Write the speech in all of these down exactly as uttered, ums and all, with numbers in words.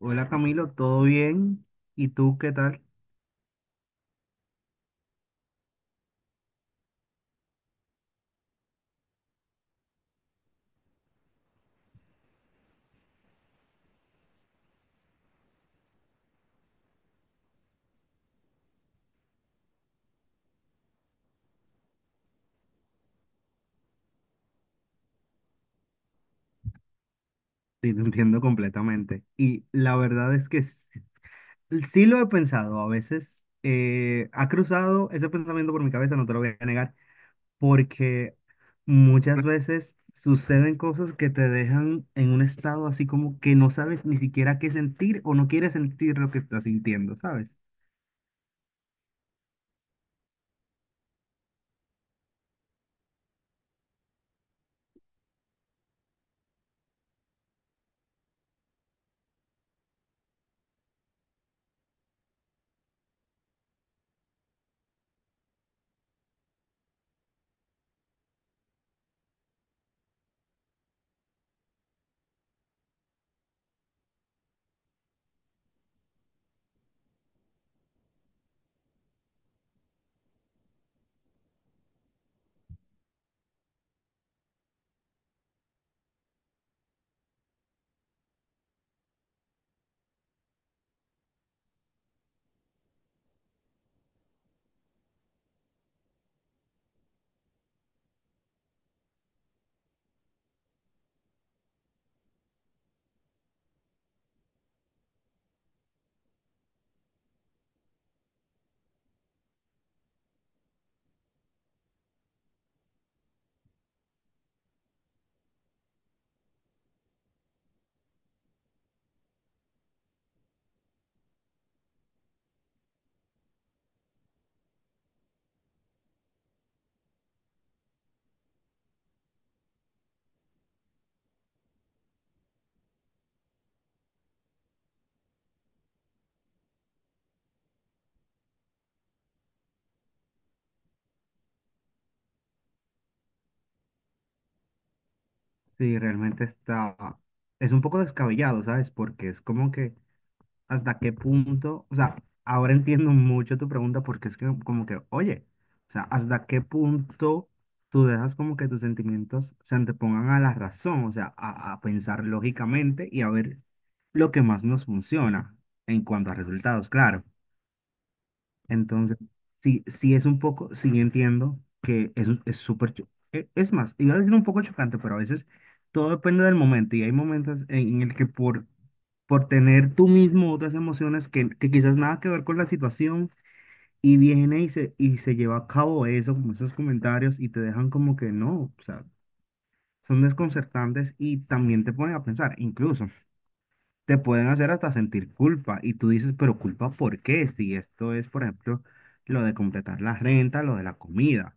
Hola Camilo, ¿todo bien? ¿Y tú qué tal? Sí, te entiendo completamente. Y la verdad es que sí, sí lo he pensado. A veces eh, ha cruzado ese pensamiento por mi cabeza, no te lo voy a negar, porque muchas veces suceden cosas que te dejan en un estado así como que no sabes ni siquiera qué sentir o no quieres sentir lo que estás sintiendo, ¿sabes? Sí, realmente está... Es un poco descabellado, ¿sabes? Porque es como que... hasta qué punto, o sea, ahora entiendo mucho tu pregunta porque es que como que, oye, o sea, hasta qué punto tú dejas como que tus sentimientos se antepongan a la razón, o sea, a, a pensar lógicamente y a ver lo que más nos funciona en cuanto a resultados, claro. Entonces, sí, sí es un poco, sí entiendo que es un- es súper, cho- e- es más, iba a decir un poco chocante, pero a veces todo depende del momento y hay momentos en el que por por tener tú mismo otras emociones que, que quizás nada que ver con la situación y viene y se, y se lleva a cabo eso, como esos comentarios y te dejan como que no, o sea, son desconcertantes y también te ponen a pensar, incluso te pueden hacer hasta sentir culpa y tú dices, pero culpa ¿por qué? Si esto es, por ejemplo, lo de completar la renta, lo de la comida.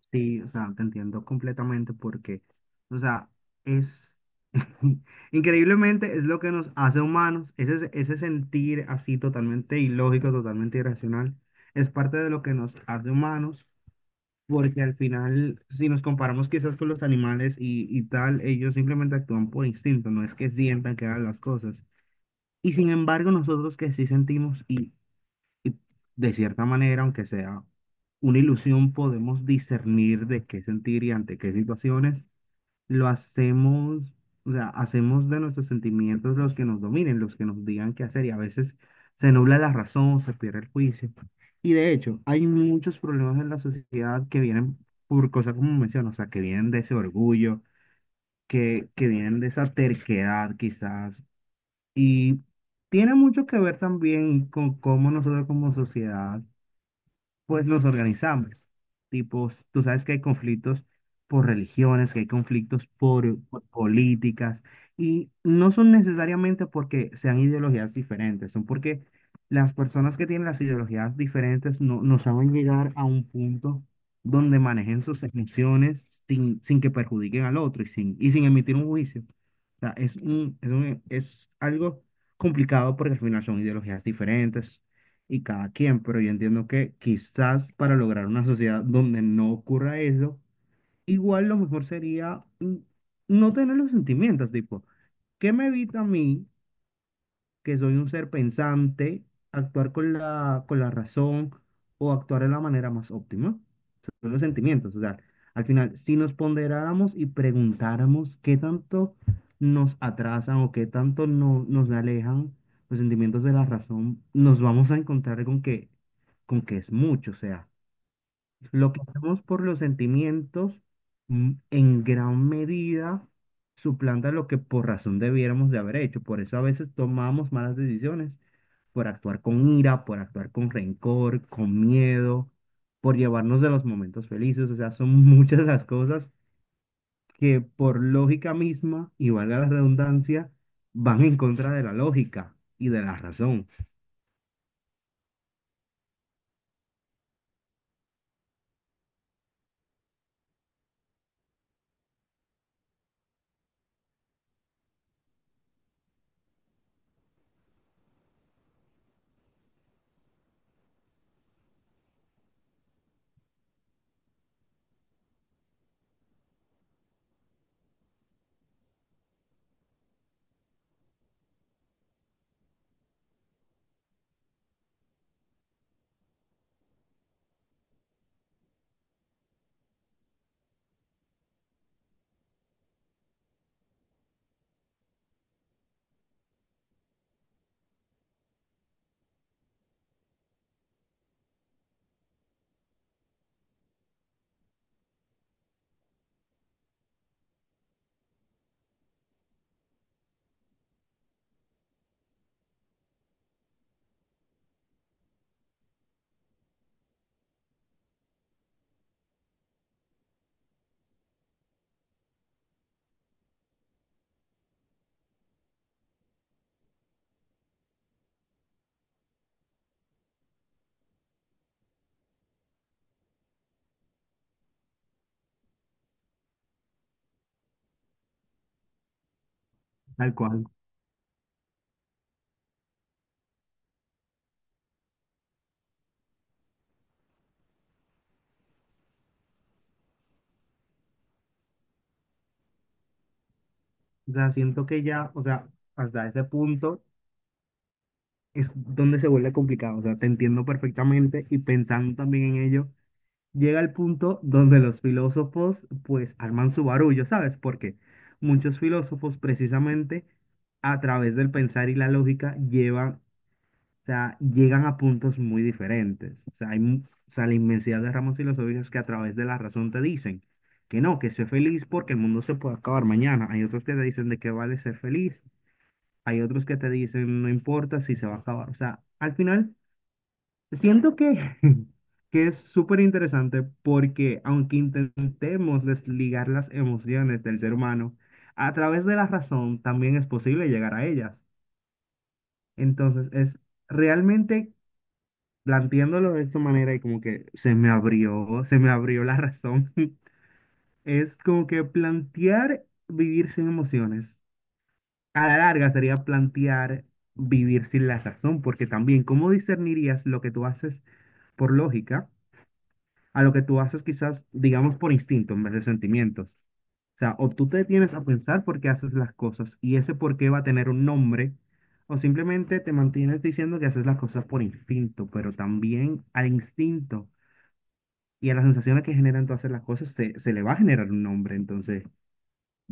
Sí, o sea, te entiendo completamente porque, o sea, es increíblemente es lo que nos hace humanos, ese, ese sentir así totalmente ilógico, totalmente irracional, es parte de lo que nos hace humanos, porque al final, si nos comparamos quizás con los animales y, y tal, ellos simplemente actúan por instinto, no es que sientan que hagan las cosas. Y sin embargo, nosotros que sí sentimos y y de cierta manera, aunque sea una ilusión, podemos discernir de qué sentir y ante qué situaciones lo hacemos, o sea, hacemos de nuestros sentimientos los que nos dominen, los que nos digan qué hacer y a veces se nubla la razón, se pierde el juicio. Y de hecho, hay muchos problemas en la sociedad que vienen por cosas como menciono, o sea, que vienen de ese orgullo, que, que vienen de esa terquedad quizás. Y tiene mucho que ver también con cómo nosotros como sociedad pues los organizamos. Tipos, tú sabes que hay conflictos por religiones, que hay conflictos por, por políticas, y no son necesariamente porque sean ideologías diferentes, son porque las personas que tienen las ideologías diferentes no, no saben llegar a un punto donde manejen sus emociones sin, sin que perjudiquen al otro y sin, y sin emitir un juicio. O sea, es un, es un- es algo complicado porque al final son ideologías diferentes, y cada quien, pero yo entiendo que quizás para lograr una sociedad donde no ocurra eso, igual lo mejor sería mm, no tener los sentimientos, tipo, ¿qué me evita a mí, que soy un ser pensante, actuar con la, con la razón o actuar de la manera más óptima? Los sentimientos. O sea, al final, si nos ponderáramos y preguntáramos qué tanto nos atrasan o qué tanto no, nos alejan los sentimientos de la razón, nos vamos a encontrar con que, con que es mucho. O sea, lo que hacemos por los sentimientos mm, en gran medida suplanta lo que por razón debiéramos de haber hecho. Por eso a veces tomamos malas decisiones, por actuar con ira, por actuar con rencor, con miedo, por llevarnos de los momentos felices. O sea, son muchas las cosas que por lógica misma, y valga la redundancia, van en contra de la lógica y de la razón, tal cual. O sea, siento que ya, o sea, hasta ese punto es donde se vuelve complicado. O sea, te entiendo perfectamente y pensando también en ello, llega el punto donde los filósofos pues arman su barullo, ¿sabes? Porque muchos filósofos precisamente a través del pensar y la lógica llevan, o sea, llegan a puntos muy diferentes. O sea, hay, mu- o sea, la inmensidad de ramas filosóficas que a través de la razón te dicen que no, que sé feliz porque el mundo se puede acabar mañana. Hay otros que te dicen de qué vale ser feliz. Hay otros que te dicen, no importa si se va a acabar. O sea, al final siento que, que es súper interesante porque aunque intentemos desligar las emociones del ser humano, a través de la razón también es posible llegar a ellas. Entonces, es realmente planteándolo de esta manera y como que se me abrió, se me abrió la razón, es como que plantear vivir sin emociones. A la larga sería plantear vivir sin la razón, porque también, ¿cómo discernirías lo que tú haces por lógica? A lo que tú haces quizás, digamos, por instinto en vez de sentimientos. O sea, o tú te detienes a pensar por qué haces las cosas y ese por qué va a tener un nombre, o simplemente te mantienes diciendo que haces las cosas por instinto, pero también al instinto y a las sensaciones que generan tú hacer las cosas se, se le va a generar un nombre. Entonces,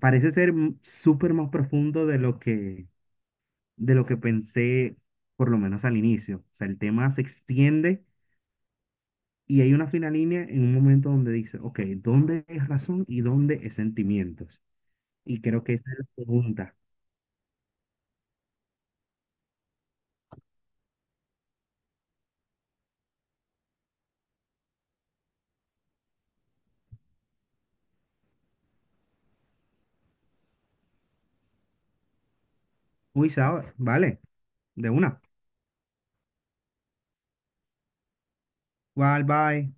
parece ser m- súper más profundo de lo que, de lo que pensé, por lo menos al inicio. O sea, el tema se extiende y hay una fina línea en un momento donde dice, ok, ¿dónde es razón y dónde es sentimientos? Y creo que esa es la pregunta. Uy, ¿sabes? Vale, de una. Bye, bye.